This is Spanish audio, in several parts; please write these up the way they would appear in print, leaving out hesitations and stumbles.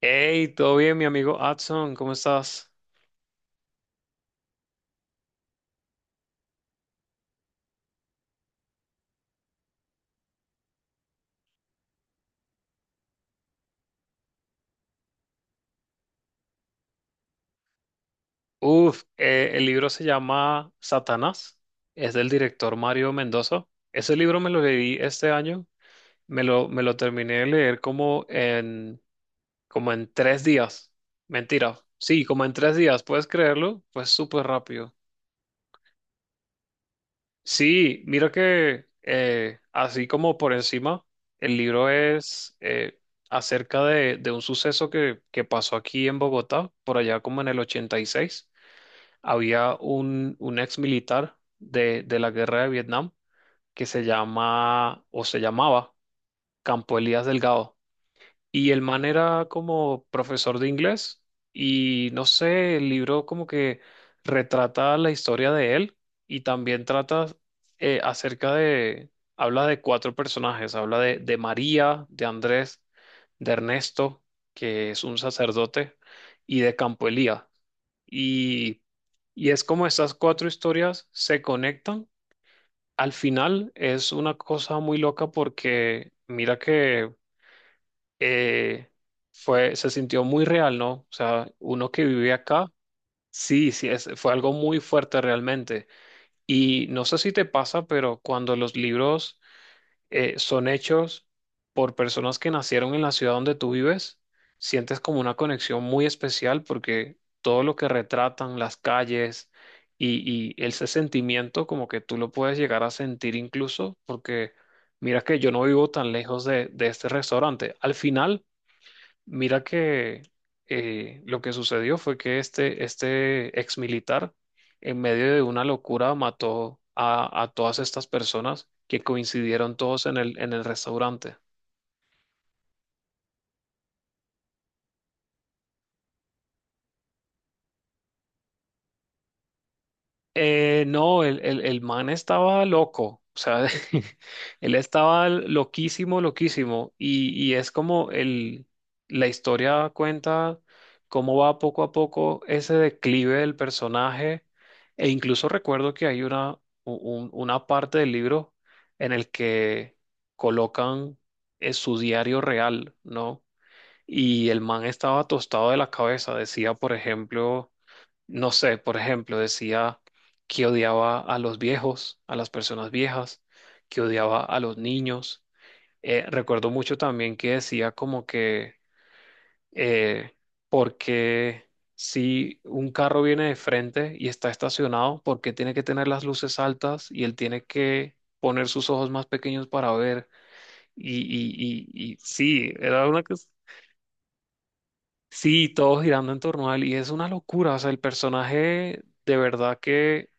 Hey, ¿todo bien, mi amigo Adson? ¿Cómo estás? Uf, el libro se llama Satanás. Es del director Mario Mendoza. Ese libro me lo leí este año. Me lo terminé de leer como en, como en 3 días. Mentira. Sí, como en 3 días. ¿Puedes creerlo? Fue súper rápido. Sí, mira que así como por encima, el libro es acerca de un suceso que pasó aquí en Bogotá, por allá como en el 86. Había un ex militar de la guerra de Vietnam que se llama o se llamaba Campo Elías Delgado. Y el man era como profesor de inglés y no sé, el libro como que retrata la historia de él y también trata eh, acerca de, habla de 4 personajes, habla de María, de Andrés, de Ernesto, que es un sacerdote, y de Campo Elías. Y, y es como estas 4 historias se conectan. Al final es una cosa muy loca porque mira que eh, fue, se sintió muy real, ¿no? O sea, uno que vive acá, sí, sí, fue algo muy fuerte realmente. Y no sé si te pasa, pero cuando los libros son hechos por personas que nacieron en la ciudad donde tú vives, sientes como una conexión muy especial porque todo lo que retratan, las calles y ese sentimiento como que tú lo puedes llegar a sentir incluso porque mira que yo no vivo tan lejos de este restaurante. Al final mira que lo que sucedió fue que este ex militar, en medio de una locura, mató a todas estas personas que coincidieron todos en el restaurante. No, el man estaba loco, o sea, él estaba loquísimo, loquísimo, y es como el, la historia cuenta cómo va poco a poco ese declive del personaje, e incluso recuerdo que hay una, una parte del libro en el que colocan su diario real, ¿no? Y el man estaba tostado de la cabeza, decía, por ejemplo no sé, por ejemplo, decía que odiaba a los viejos, a las personas viejas, que odiaba a los niños. Recuerdo mucho también que decía como que, eh, porque si un carro viene de frente y está estacionado, ¿por qué tiene que tener las luces altas y él tiene que poner sus ojos más pequeños para ver? Y sí, era una cosa. Sí, todo girando en torno a él y es una locura, o sea, el personaje de verdad que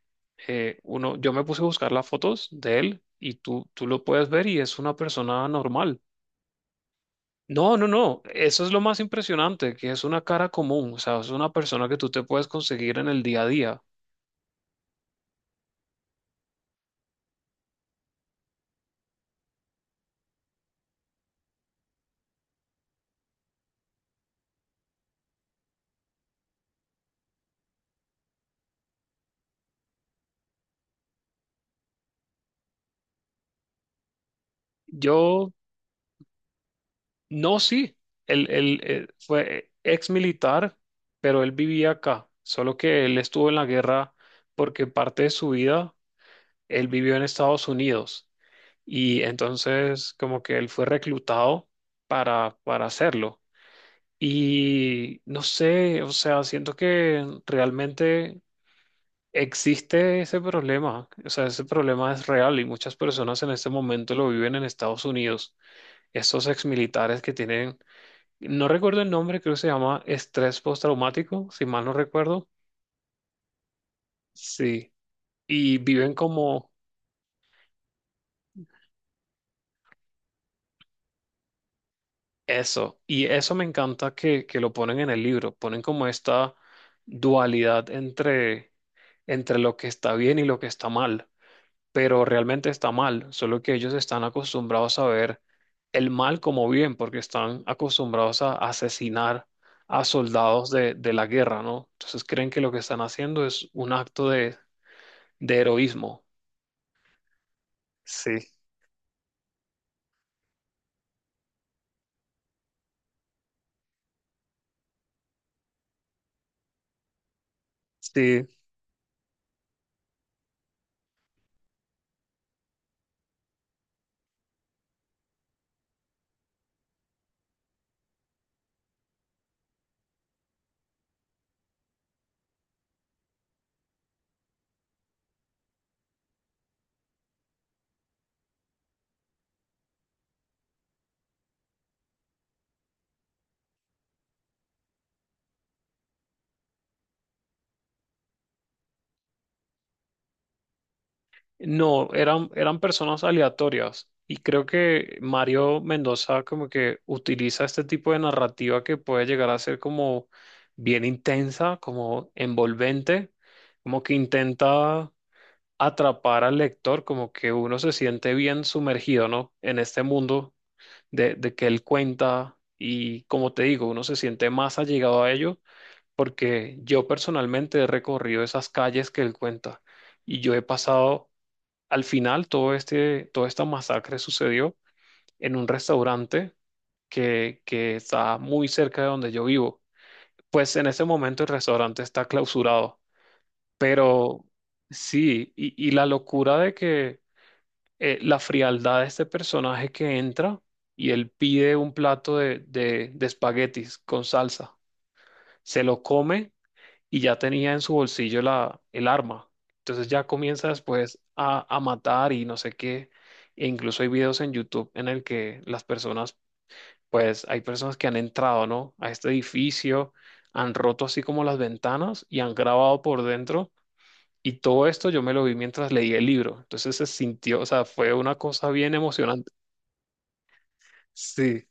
uno, yo me puse a buscar las fotos de él y tú lo puedes ver y es una persona normal. No, no, no, eso es lo más impresionante, que es una cara común, o sea, es una persona que tú te puedes conseguir en el día a día. Yo, no, sí, él, fue ex militar, pero él vivía acá, solo que él estuvo en la guerra porque parte de su vida él vivió en Estados Unidos. Y entonces como que él fue reclutado para hacerlo. Y no sé, o sea, siento que realmente existe ese problema. O sea, ese problema es real y muchas personas en este momento lo viven en Estados Unidos. Esos exmilitares que tienen, no recuerdo el nombre, creo que se llama estrés postraumático, si mal no recuerdo. Sí. Y viven como eso, y eso me encanta que lo ponen en el libro, ponen como esta dualidad entre, entre lo que está bien y lo que está mal, pero realmente está mal, solo que ellos están acostumbrados a ver el mal como bien, porque están acostumbrados a asesinar a soldados de la guerra, ¿no? Entonces creen que lo que están haciendo es un acto de heroísmo. Sí, sí. No, eran, eran personas aleatorias y creo que Mario Mendoza como que utiliza este tipo de narrativa que puede llegar a ser como bien intensa, como envolvente, como que intenta atrapar al lector, como que uno se siente bien sumergido, ¿no? En este mundo de que él cuenta y como te digo, uno se siente más allegado a ello porque yo personalmente he recorrido esas calles que él cuenta y yo he pasado. Al final, todo este, toda esta masacre sucedió en un restaurante que está muy cerca de donde yo vivo. Pues en ese momento el restaurante está clausurado, pero sí, y la locura de que la frialdad de este personaje que entra y él pide un plato de espaguetis con salsa, se lo come y ya tenía en su bolsillo la, el arma. Entonces ya comienza después a matar y no sé qué. E incluso hay videos en YouTube en el que las personas, pues hay personas que han entrado, ¿no? A este edificio, han roto así como las ventanas y han grabado por dentro. Y todo esto yo me lo vi mientras leí el libro. Entonces se sintió, o sea, fue una cosa bien emocionante. Sí.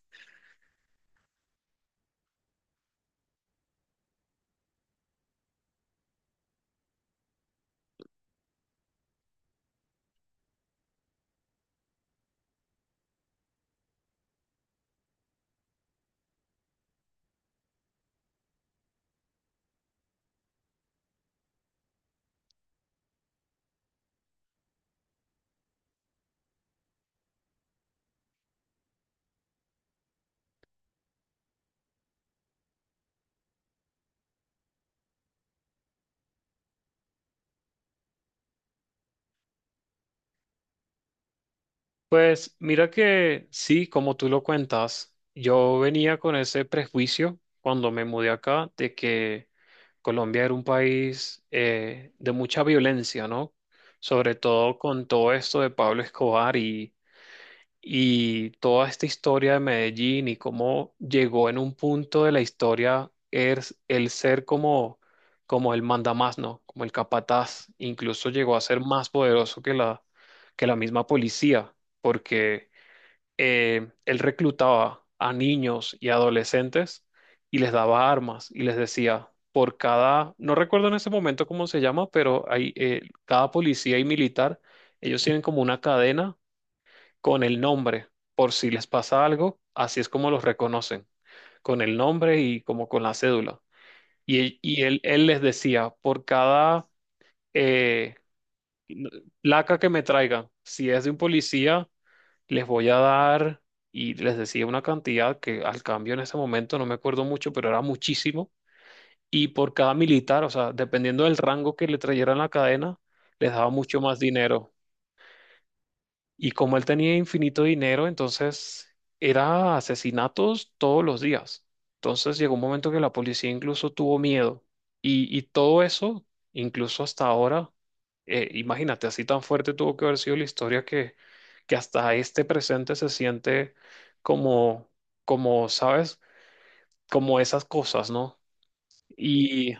Pues mira que sí, como tú lo cuentas, yo venía con ese prejuicio cuando me mudé acá de que Colombia era un país de mucha violencia, ¿no? Sobre todo con todo esto de Pablo Escobar y toda esta historia de Medellín y cómo llegó en un punto de la historia es el ser como, como el mandamás, ¿no? Como el capataz. Incluso llegó a ser más poderoso que la misma policía, porque él reclutaba a niños y adolescentes y les daba armas y les decía. Por cada, no recuerdo en ese momento cómo se llama, pero hay, cada policía y militar, ellos tienen como una cadena con el nombre, por si les pasa algo, así es como los reconocen, con el nombre y como con la cédula. Él les decía, por cada eh, placa que me traigan, si es de un policía, les voy a dar, y les decía una cantidad que al cambio en ese momento no me acuerdo mucho, pero era muchísimo. Y por cada militar, o sea, dependiendo del rango que le trajeran la cadena, les daba mucho más dinero. Y como él tenía infinito dinero, entonces era asesinatos todos los días. Entonces llegó un momento que la policía incluso tuvo miedo. Y todo eso, incluso hasta ahora, imagínate, así tan fuerte tuvo que haber sido la historia que hasta este presente se siente como, como, ¿sabes? Como esas cosas, ¿no? Y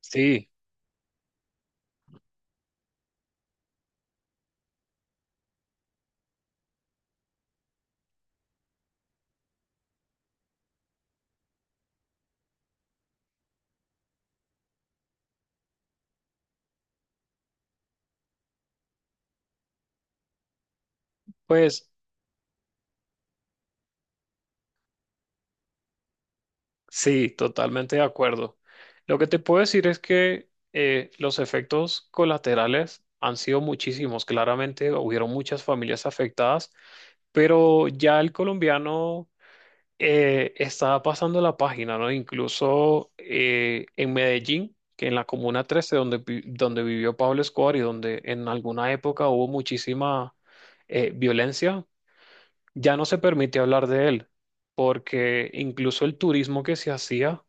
sí, pues... Sí, totalmente de acuerdo. Lo que te puedo decir es que los efectos colaterales han sido muchísimos. Claramente hubieron muchas familias afectadas, pero ya el colombiano está pasando la página, ¿no? Incluso en Medellín, que en la Comuna 13, donde, donde vivió Pablo Escobar y donde en alguna época hubo muchísima violencia, ya no se permite hablar de él, porque incluso el turismo que se hacía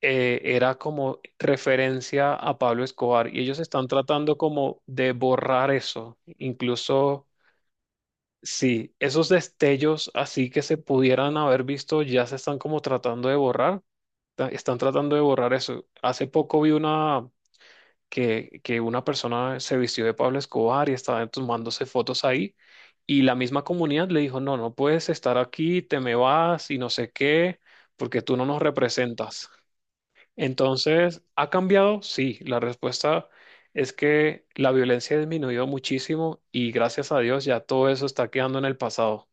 era como referencia a Pablo Escobar y ellos están tratando como de borrar eso. Incluso, sí, esos destellos así que se pudieran haber visto ya se están como tratando de borrar. Están tratando de borrar eso. Hace poco vi una que una persona se vistió de Pablo Escobar y estaba tomándose fotos ahí. Y la misma comunidad le dijo, no, no puedes estar aquí, te me vas y no sé qué, porque tú no nos representas. Entonces, ¿ha cambiado? Sí, la respuesta es que la violencia ha disminuido muchísimo y gracias a Dios ya todo eso está quedando en el pasado.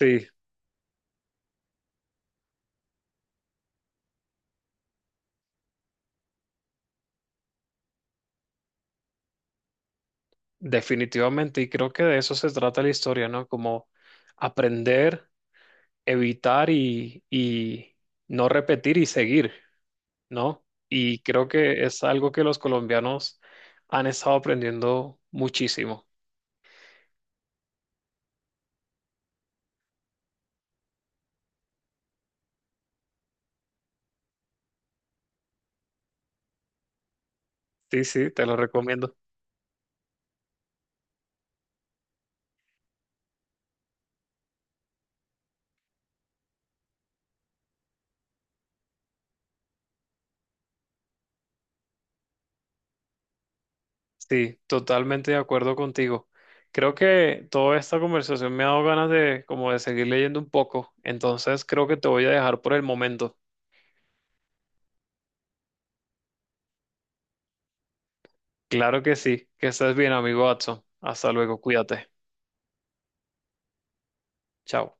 Sí, definitivamente. Y creo que de eso se trata la historia, ¿no? Como aprender, evitar y no repetir y seguir, ¿no? Y creo que es algo que los colombianos han estado aprendiendo muchísimo. Sí, sí, te lo recomiendo. Sí, totalmente de acuerdo contigo. Creo que toda esta conversación me ha dado ganas de como de seguir leyendo un poco, entonces creo que te voy a dejar por el momento. Claro que sí, que estés bien, amigo Watson. Hasta luego, cuídate. Chao.